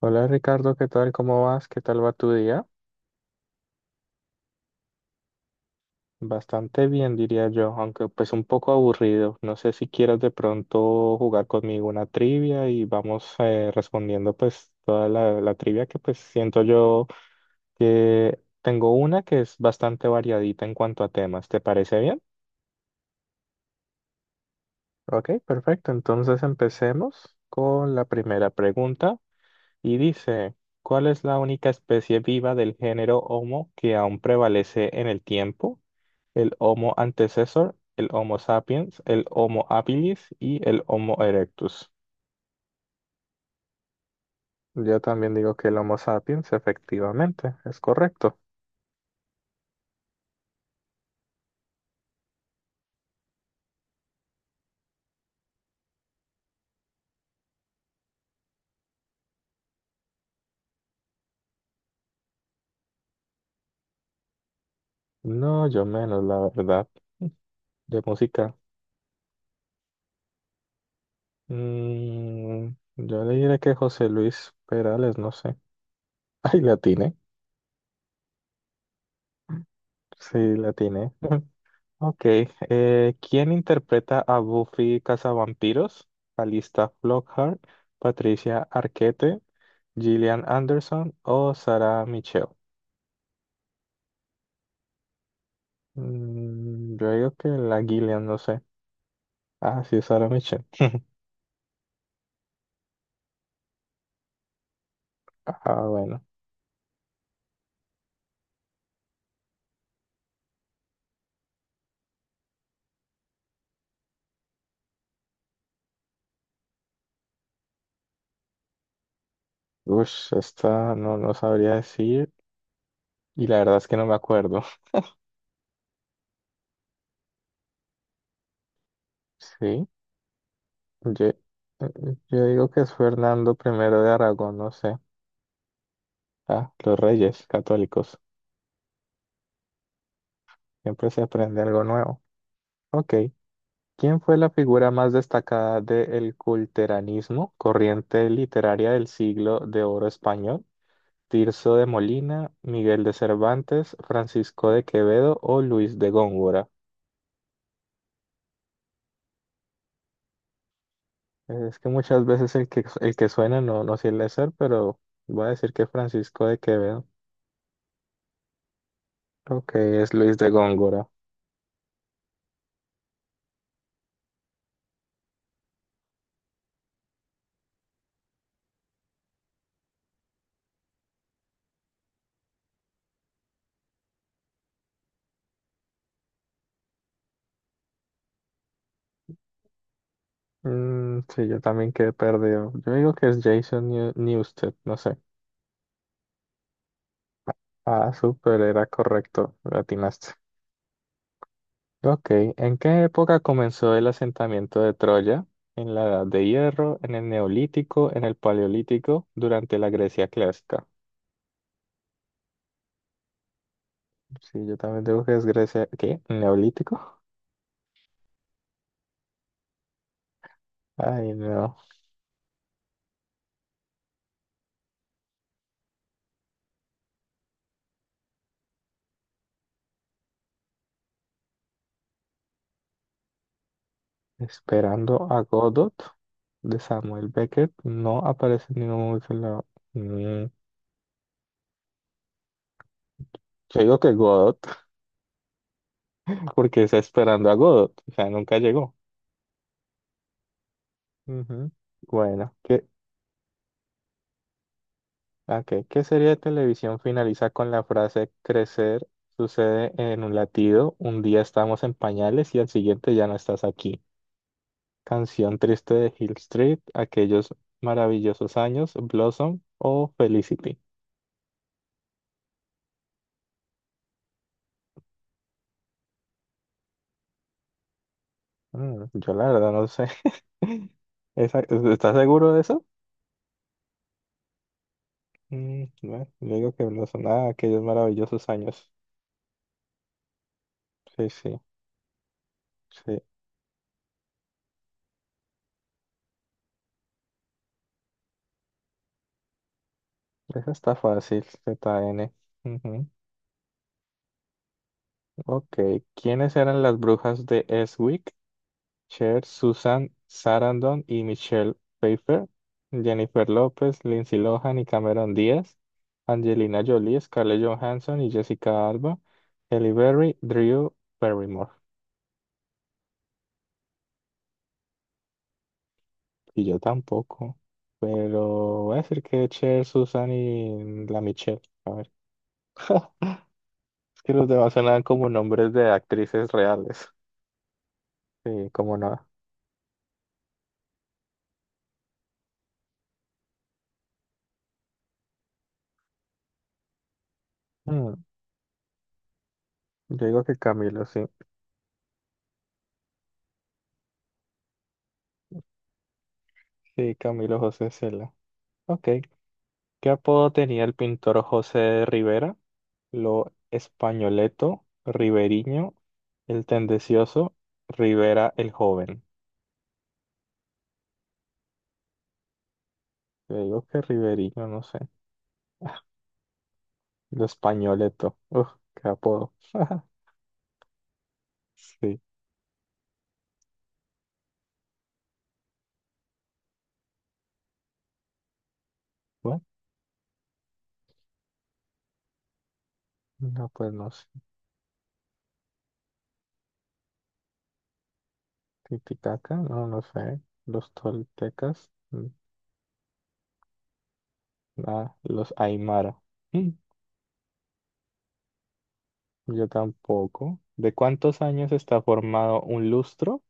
Hola Ricardo, ¿qué tal? ¿Cómo vas? ¿Qué tal va tu día? Bastante bien, diría yo, aunque pues un poco aburrido. No sé si quieras de pronto jugar conmigo una trivia y vamos respondiendo pues toda la trivia que pues siento yo que tengo una que es bastante variadita en cuanto a temas. ¿Te parece bien? Ok, perfecto. Entonces empecemos con la primera pregunta. Y dice, ¿cuál es la única especie viva del género Homo que aún prevalece en el tiempo? El Homo antecessor, el Homo sapiens, el Homo habilis y el Homo erectus. Yo también digo que el Homo sapiens, efectivamente, es correcto. No, yo menos, la verdad. De música. Mm, yo le diré que José Luis Perales, no sé. Ay, la tiene. Sí, la tiene. Ok, ¿quién interpreta a Buffy Cazavampiros? Alista Flockhart, Patricia Arquette, Gillian Anderson o Sarah Michelle. Mm, yo digo que la Gillian, no sé. Ah, sí, Sarah Michelle. Ah, bueno. Ush, esta no sabría decir y la verdad es que no me acuerdo. Sí, yo, yo digo que es Fernando primero de Aragón, no sé. Ah, los reyes católicos. Siempre se aprende algo nuevo. Ok. ¿Quién fue la figura más destacada del culteranismo, corriente literaria del siglo de oro español? ¿Tirso de Molina, Miguel de Cervantes, Francisco de Quevedo o Luis de Góngora? Es que muchas veces el que suena no suele ser, pero voy a decir que Francisco de Quevedo. Ok, es Luis de Góngora. Mm, sí, yo también quedé perdido. Yo digo que es Newsted, no sé. Ah, súper, era correcto, lo atinaste. Ok, ¿en qué época comenzó el asentamiento de Troya? ¿En la Edad de Hierro, en el Neolítico, en el Paleolítico, durante la Grecia clásica? Sí, yo también digo que es Grecia. ¿Qué? ¿Neolítico? Ay, no. Esperando a Godot de Samuel Beckett no aparece en ningún momento en la- Mm, Yo digo que Godot, porque está esperando a Godot, o sea, nunca llegó. Ujú. Bueno, ¿qué- Ah, Ok, ¿qué serie de televisión finaliza con la frase crecer sucede en un latido? Un día estamos en pañales y al siguiente ya no estás aquí. Canción triste de Hill Street, aquellos maravillosos años, Blossom o Felicity. Mm, yo la verdad no sé. Esa- ¿estás seguro de eso? Mm, bueno, yo digo que Blossom, ah, aquellos maravillosos años. Sí, sí, sí. Esa está fácil, ZN. Ujú. Ok, ¿quiénes eran las brujas de Eswick? Cher, Susan Sarandon y Michelle Pfeiffer, Jennifer López, Lindsay Lohan y Cameron Díaz, Angelina Jolie, Scarlett Johansson y Jessica Alba, Halle Berry, Drew Barrymore. Y yo tampoco, pero voy a decir que Cher, Susan y la Michelle. A ver, es que los demás sonaban como nombres de actrices reales. Sí, como no. Mm, yo digo que Camilo, sí. Sí, Camilo José Cela. Ok. ¿Qué apodo tenía el pintor José Rivera? Lo Españoleto, Riveriño, el Tendencioso, Rivera el Joven. Te digo que Riveriño, no sé. Ah, Lo Españoleto. Uf, qué apodo. Sí. Bueno, no, pues no sé. Titicaca, no, no sé. Los toltecas, mm, nada. Los aymara. Mm, yo tampoco. ¿De cuántos años está formado un lustro?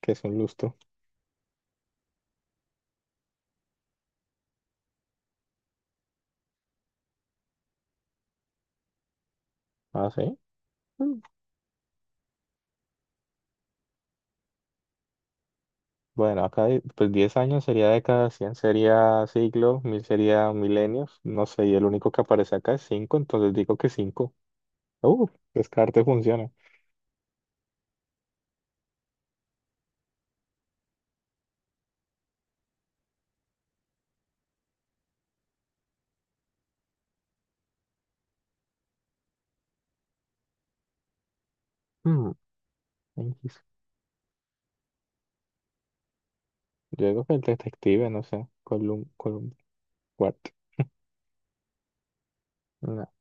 ¿Qué es un lustro? Ah, sí. Mm, bueno, acá hay- pues 10 años sería década, 100 sería siglo, 1000 sería milenios, no sé, y el único que aparece acá es 5, entonces digo que 5. Uh, descarte funciona. Hmm, X. Yo digo que el detective, no sé, Colum, Colum, what? No.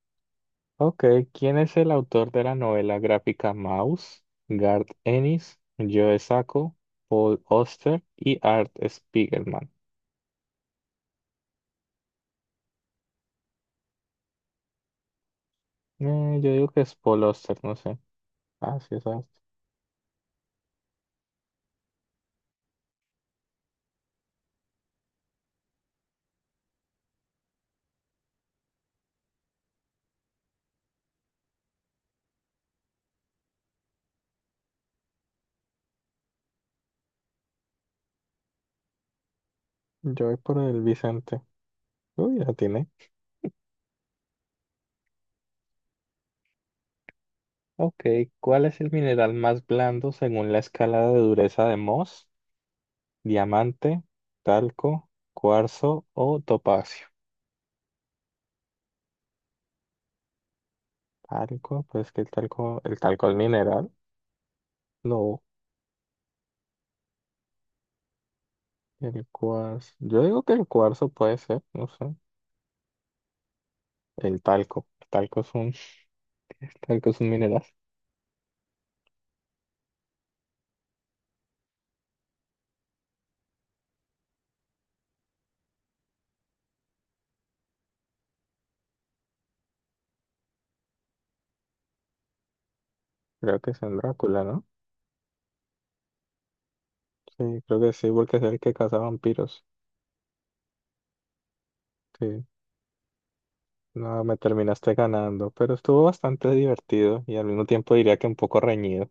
Ok, ¿quién es el autor de la novela gráfica Mouse? Garth Ennis, Joe Sacco, Paul Auster y Art Spiegelman. Yo digo que es Paul Auster, no sé. Ah, sí, es Auster. Yo voy por el Vicente. Uy, ya tiene. Ok, ¿cuál es el mineral más blando según la escala de dureza de Mohs? ¿Diamante, talco, cuarzo o topacio? Talco, pues que el talco es mineral. No, el cuarzo. Yo digo que el cuarzo puede ser, no sé. El talco. El talco es un, el talco es un mineral. Creo que es en Drácula, ¿no? Sí, creo que sí, porque es el que caza vampiros. Sí. No, me terminaste ganando, pero estuvo bastante divertido y al mismo tiempo diría que un poco reñido.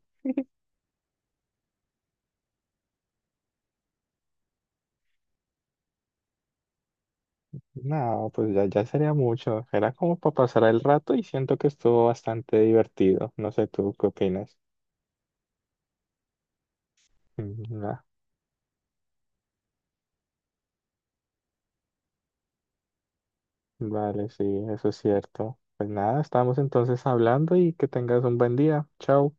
No, pues ya, ya sería mucho. Era como para pasar el rato y siento que estuvo bastante divertido. No sé tú qué opinas. Mm, ah, vale, sí, eso es cierto. Pues nada, estamos entonces hablando y que tengas un buen día. Chao.